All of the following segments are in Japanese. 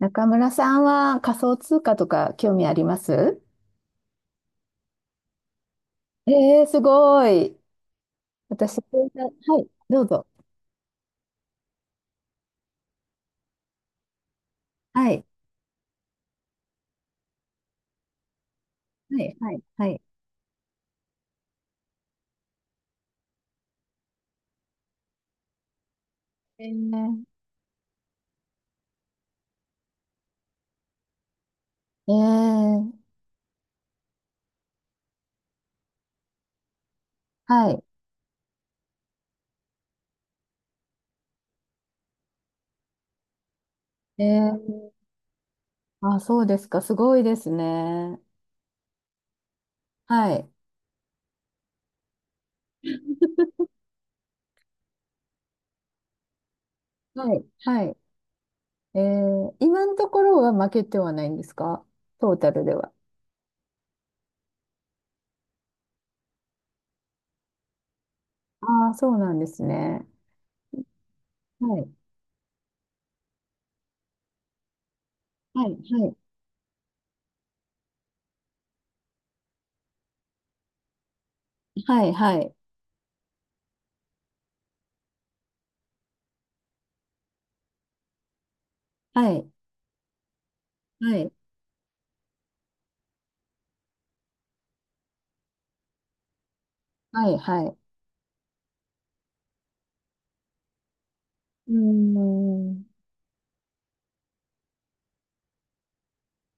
中村さんは仮想通貨とか興味あります？すごい。私、はい、どうぞ。はい、はい、はい、はい。えー、えー、はい。えー、あ、そうですか。すごいですね。はい、はい、はい。今のところは負けてはないんですか？トータルでは。ああ、そうなんですね。はい、はい、はい、はい、はい、はい、はい、はい。はい。うーん。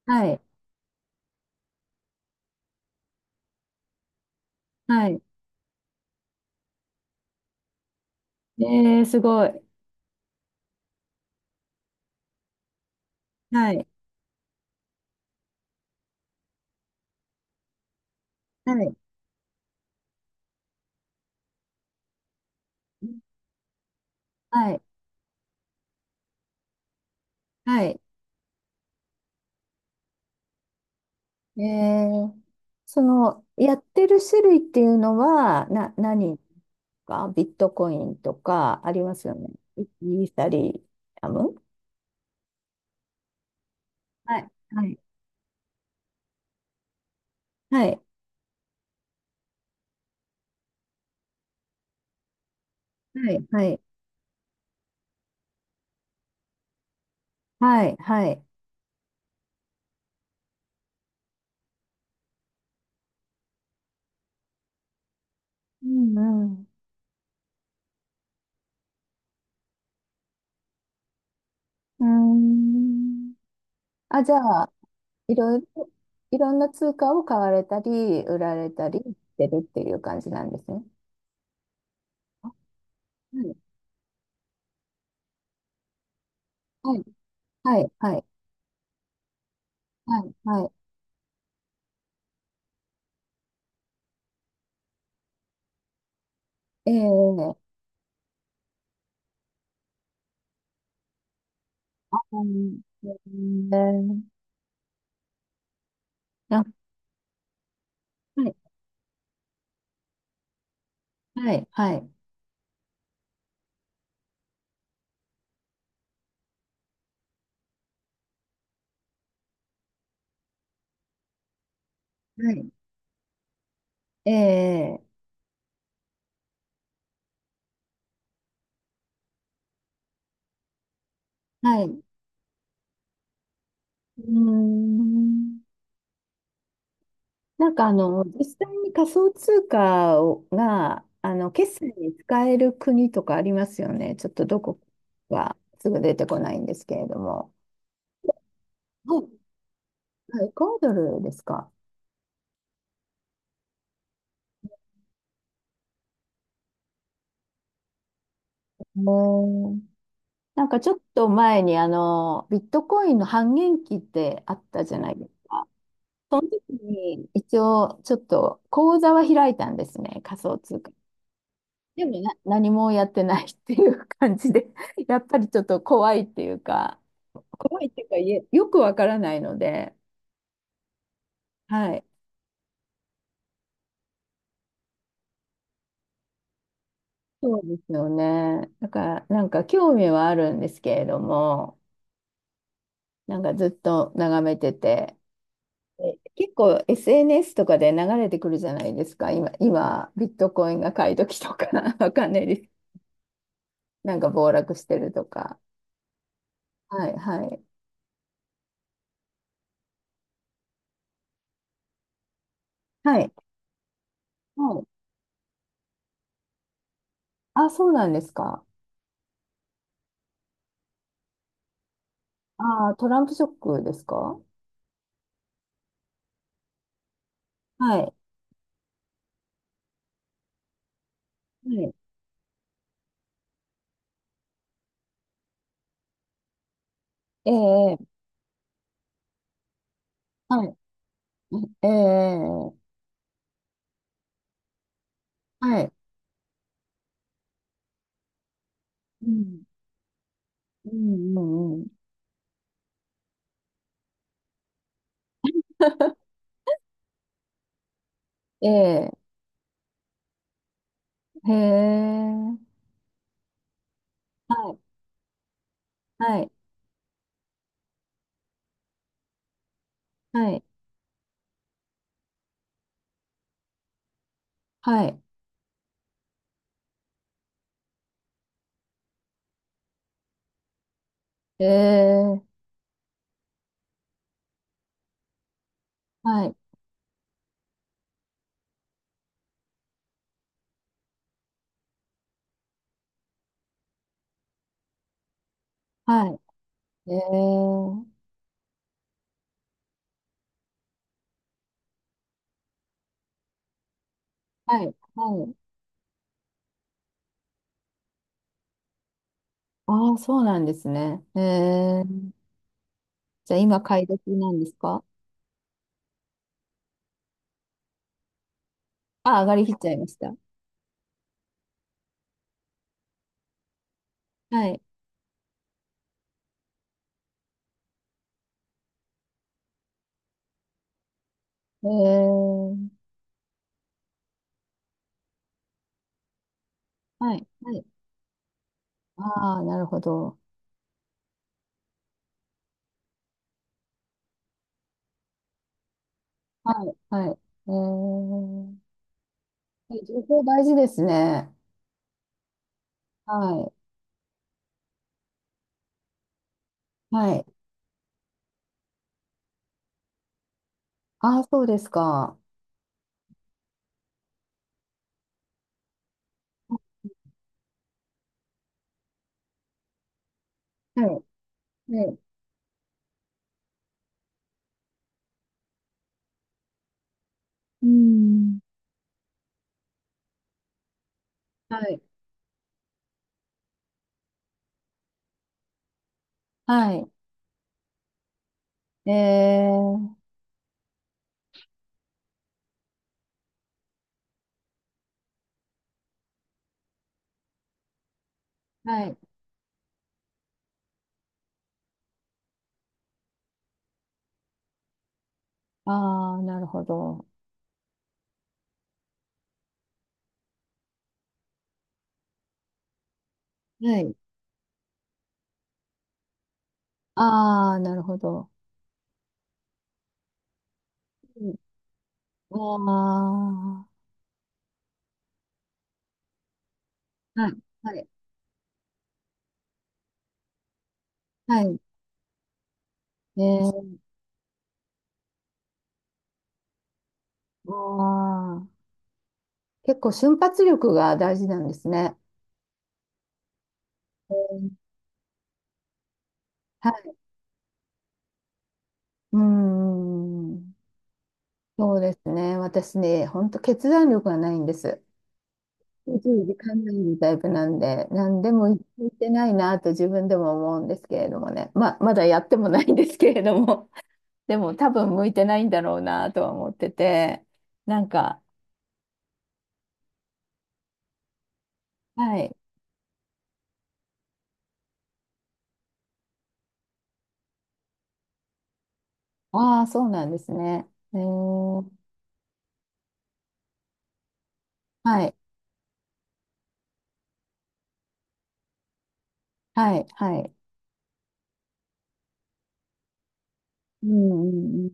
はい、はい。えー、すごい。はい。はい。はい。はい。えー、その、やってる種類っていうのは、何か、ビットコインとかありますよね。イイーサリアム。はい。はい。はい。はい。はい。はい。はい。うん。うん。うーん。あ、じゃあ、いろいろ、いろんな通貨を買われたり、売られたりしてるっていう感じなんですね。あ、はい。はい。はい。はい。はい、はい。ええ、こんえあ、はい、はい、はい、はい、ええ、はい。うーん、なんかあの、実際に仮想通貨が、あの、決済に使える国とかありますよね。ちょっとどこはすぐ出てこないんですけれども。はい、はい、エクアドルですか。ええ、なんかちょっと前にあの、ビットコインの半減期ってあったじゃないですか。その時に一応ちょっと口座は開いたんですね、仮想通貨。でも、何もやってないっていう感じで、やっぱりちょっと怖いっていうか、怖いっていうか、いえよくわからないので、はい。そうですよね。だから、なんか興味はあるんですけれども、なんかずっと眺めてて、え結構 SNS とかで流れてくるじゃないですか、今、今、ビットコインが買い時とか、わかんないです。なんか暴落してるとか。はい、はい。はい。はい。あ、そうなんですか。ああ、トランプショックですか？はい。はい。ええ、はい。ええ、はい。うん。うん、うん、うん。ええ、へえ。はい。はい。はい。はい。ええ、はい。はい。ええ、はい。はい。ああ、そうなんですね。ええ。じゃあ、今、買い時なんですか？あ、上がりきっちゃいました。はい。ええ、はい。はい。ああ、なるほど。はい、はい。えー、え情報大事ですね。はい、はい。ああ、そうですか。はい、はい。うん。はい、はい。えー、はい。ああ、なるほど。はい。ああ、なるほど。うん、ああ、はい、はい、はい。えー、ああ、結構瞬発力が大事なんですね。えー、はい。うーん。そうですね。私ね、本当決断力がないんです。すぐ時間ないタイプなんで、何でも言ってないなと自分でも思うんですけれどもね。まあ、まだやってもないんですけれども、でも多分向いてないんだろうなとは思ってて、なんか、はい。ああ、そうなんですね。えー、はい、はい、はい。うん、うん、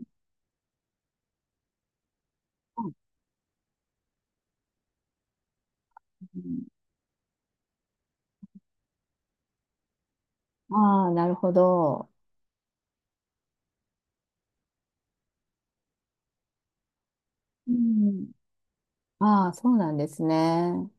うん。ああ、なるほど。うん。ああ、そうなんですね。